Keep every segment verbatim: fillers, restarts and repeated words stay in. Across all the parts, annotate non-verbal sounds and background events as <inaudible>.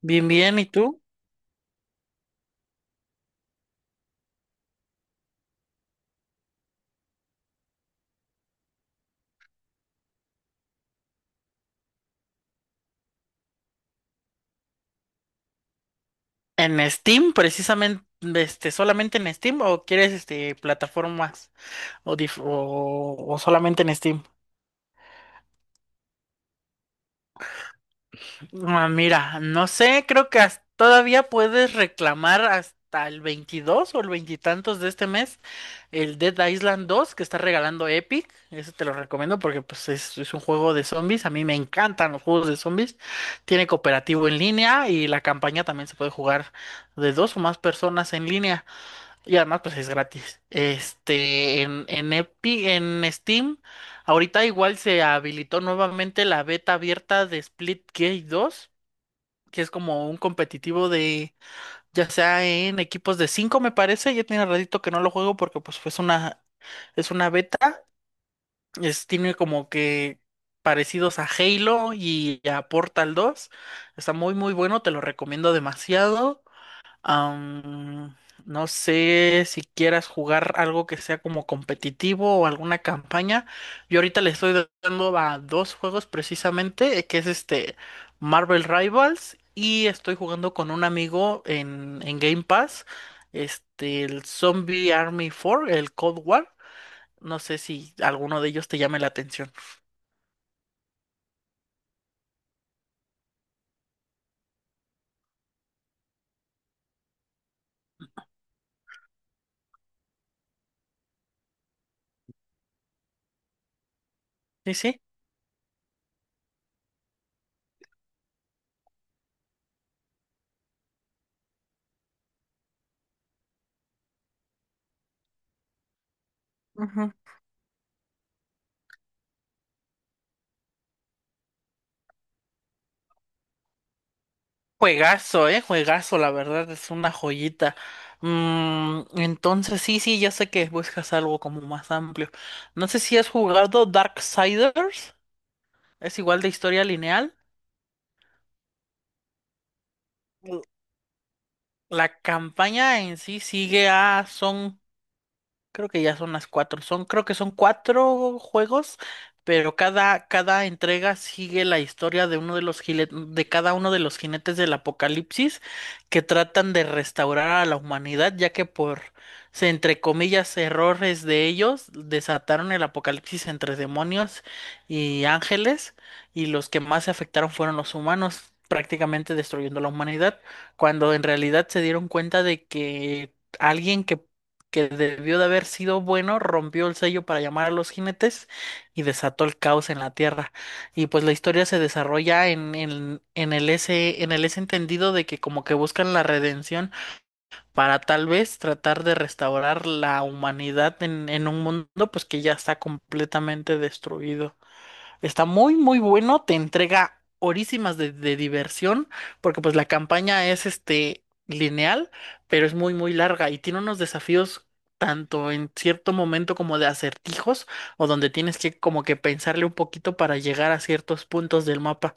Bien, bien, ¿y tú? ¿En Steam, precisamente, este, solamente en Steam o quieres este plataformas o, dif- o, o solamente en Steam? Ah, mira, no sé, creo que has- todavía puedes reclamar hasta el veintidós o el veintitantos de este mes el Dead Island dos que está regalando Epic. Eso te lo recomiendo porque pues es, es un juego de zombies. A mí me encantan los juegos de zombies. Tiene cooperativo en línea y la campaña también se puede jugar de dos o más personas en línea. Y además, pues es gratis. Este, en, en Epi- en Steam, ahorita igual se habilitó nuevamente la beta abierta de Splitgate dos, que es como un competitivo de, ya sea en equipos de cinco, me parece. Ya tiene ratito que no lo juego porque pues fue una, es una beta. Es, tiene como que parecidos a Halo y a Portal dos. Está muy, muy bueno, te lo recomiendo demasiado. Am, no sé si quieras jugar algo que sea como competitivo o alguna campaña. Yo ahorita le estoy dando a dos juegos precisamente, eh, que es este Marvel Rivals, y estoy jugando con un amigo en, en Game Pass, este, el Zombie Army cuatro, el Cold War. No sé si alguno de ellos te llame la atención. Sí, sí. Juegazo, eh, juegazo, la verdad es una joyita. Mm, entonces sí, sí, ya sé que buscas algo como más amplio. No sé si has jugado Darksiders, es igual de historia lineal. Mm. La campaña en sí sigue a, son creo que ya son las cuatro. Son, creo que son cuatro juegos, pero cada, cada entrega sigue la historia de uno de los jile- de cada uno de los jinetes del apocalipsis, que tratan de restaurar a la humanidad, ya que por, se, entre comillas, errores de ellos, desataron el apocalipsis entre demonios y ángeles, y los que más se afectaron fueron los humanos, prácticamente destruyendo la humanidad, cuando en realidad se dieron cuenta de que alguien que que debió de haber sido bueno, rompió el sello para llamar a los jinetes y desató el caos en la Tierra. Y pues la historia se desarrolla en, en, en el ese, en el ese entendido de que como que buscan la redención para tal vez tratar de restaurar la humanidad en, en un mundo pues que ya está completamente destruido. Está muy, muy bueno, te entrega horísimas de, de diversión, porque pues la campaña es este lineal, pero es muy, muy larga y tiene unos desafíos tanto en cierto momento como de acertijos, o donde tienes que como que pensarle un poquito para llegar a ciertos puntos del mapa.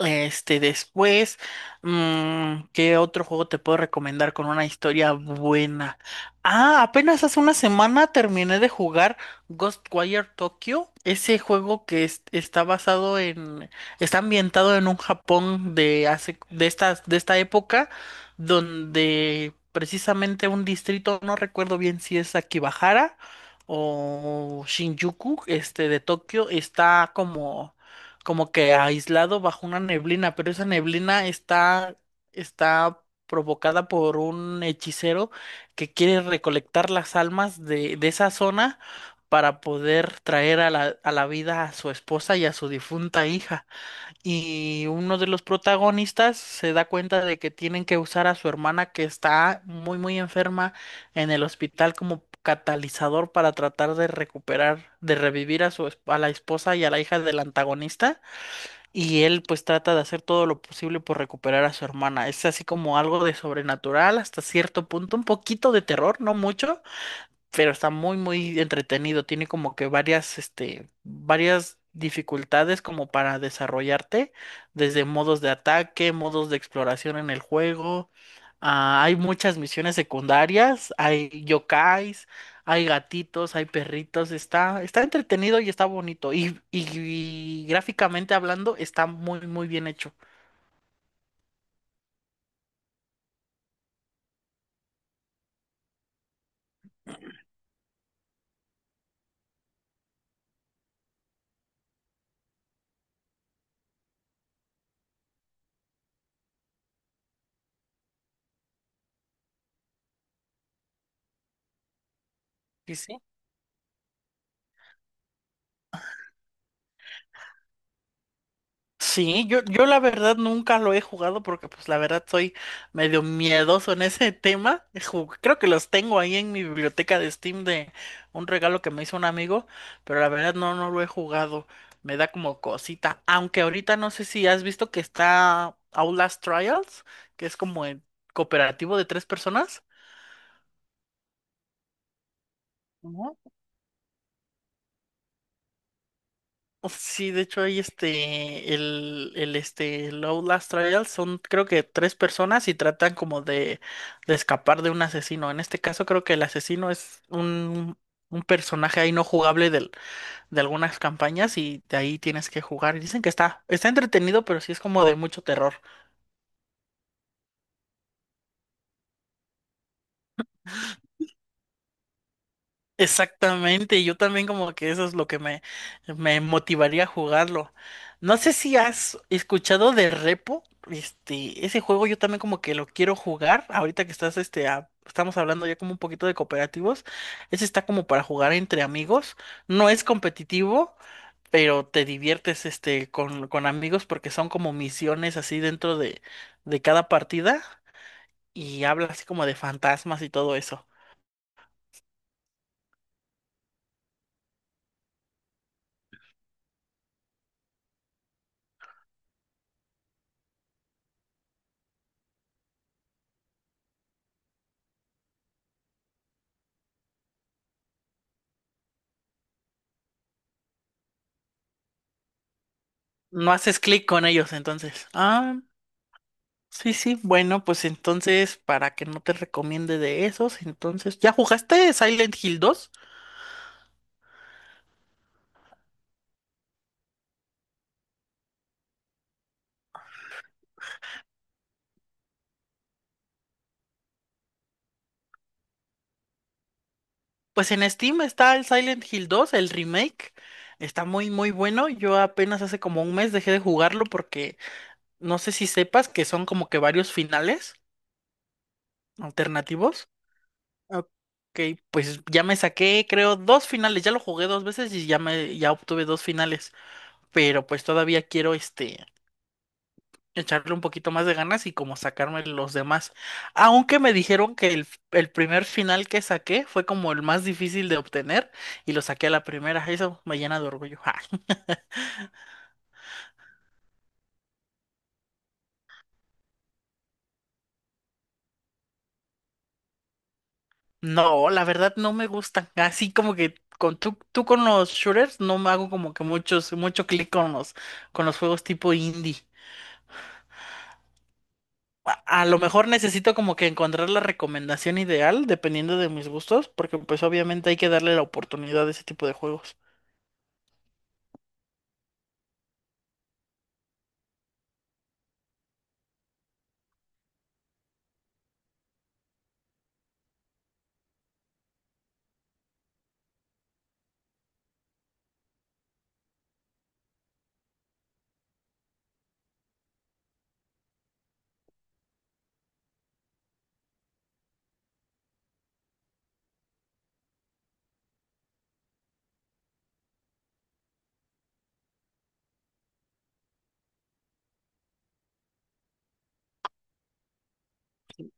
Este, después, mm, ¿qué otro juego te puedo recomendar con una historia buena? Ah, apenas hace una semana terminé de jugar Ghostwire Tokyo, ese juego que es- está basado en, está ambientado en un Japón de hace, de estas, de esta época, donde precisamente un distrito, no recuerdo bien si es Akibahara o Shinjuku, este, de Tokio, está como como que aislado bajo una neblina, pero esa neblina está, está provocada por un hechicero que quiere recolectar las almas de, de esa zona para poder traer a la, a la vida a su esposa y a su difunta hija. Y uno de los protagonistas se da cuenta de que tienen que usar a su hermana que está muy, muy enferma en el hospital como catalizador para tratar de recuperar, de revivir a su, esp- a la esposa y a la hija del antagonista. Y él pues trata de hacer todo lo posible por recuperar a su hermana. Es así como algo de sobrenatural hasta cierto punto, un poquito de terror, no mucho, pero está muy muy entretenido. Tiene como que varias, este, varias dificultades como para desarrollarte, desde modos de ataque, modos de exploración en el juego. Ah, hay muchas misiones secundarias, hay yokais, hay gatitos, hay perritos, está, está entretenido y está bonito. Y, y, y gráficamente hablando, está muy, muy bien hecho. Sí, sí, Sí, yo, yo la verdad nunca lo he jugado porque pues la verdad soy medio miedoso en ese tema. Eh, Ju- Creo que los tengo ahí en mi biblioteca de Steam de un regalo que me hizo un amigo, pero la verdad no, no lo he jugado. Me da como cosita. Aunque ahorita no sé si has visto que está Outlast Trials, que es como el cooperativo de tres personas. Sí, de hecho hay este, el, el este, el Outlast Trial son, creo que tres personas, y tratan como de, de escapar de un asesino. En este caso creo que el asesino es un, un personaje ahí no jugable del, de algunas campañas y de ahí tienes que jugar. Y dicen que está, está entretenido, pero sí es como de mucho terror. Exactamente, yo también como que eso es lo que me, me motivaría a jugarlo. No sé si has escuchado de Repo, este, ese juego yo también como que lo quiero jugar, ahorita que estás, este, a- estamos hablando ya como un poquito de cooperativos, ese está como para jugar entre amigos, no es competitivo, pero te diviertes, este, con, con amigos porque son como misiones así dentro de, de cada partida y habla así como de fantasmas y todo eso. No haces clic con ellos, entonces. Ah, sí, sí. Bueno, pues entonces, para que no te recomiende de esos, entonces, ¿ya jugaste Silent Hill dos? Pues en Steam está el Silent Hill dos, el remake. Está muy, muy bueno. Yo apenas hace como un mes dejé de jugarlo porque no sé si sepas que son como que varios finales alternativos. Ok, pues ya me saqué, creo, dos finales. Ya lo jugué dos veces y ya me, ya obtuve dos finales. Pero pues todavía quiero este echarle un poquito más de ganas y como sacarme los demás. Aunque me dijeron que el, el primer final que saqué fue como el más difícil de obtener, y lo saqué a la primera. Eso me llena de orgullo. <laughs> Ja. No, la verdad no me gustan. Así como que con tú, tú con los shooters, no me hago como que muchos, mucho clic con los, con los juegos tipo indie. A, a lo mejor necesito como que encontrar la recomendación ideal dependiendo de mis gustos, porque pues obviamente hay que darle la oportunidad a ese tipo de juegos.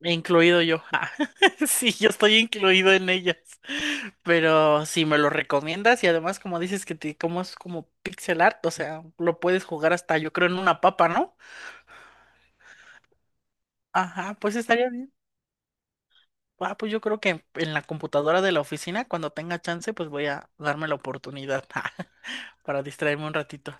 Incluido yo. Ah, <laughs> sí, yo estoy incluido en ellas. Pero si me lo recomiendas y además como dices que te, como es como pixel art, o sea, lo puedes jugar hasta yo creo en una papa, ¿no? Ajá, pues estaría bien. Ah, pues yo creo que en la computadora de la oficina, cuando tenga chance, pues voy a darme la oportunidad <laughs> para distraerme un ratito.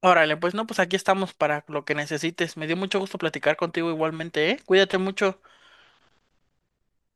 Órale, pues no, pues aquí estamos para lo que necesites. Me dio mucho gusto platicar contigo igualmente, ¿eh? Cuídate mucho.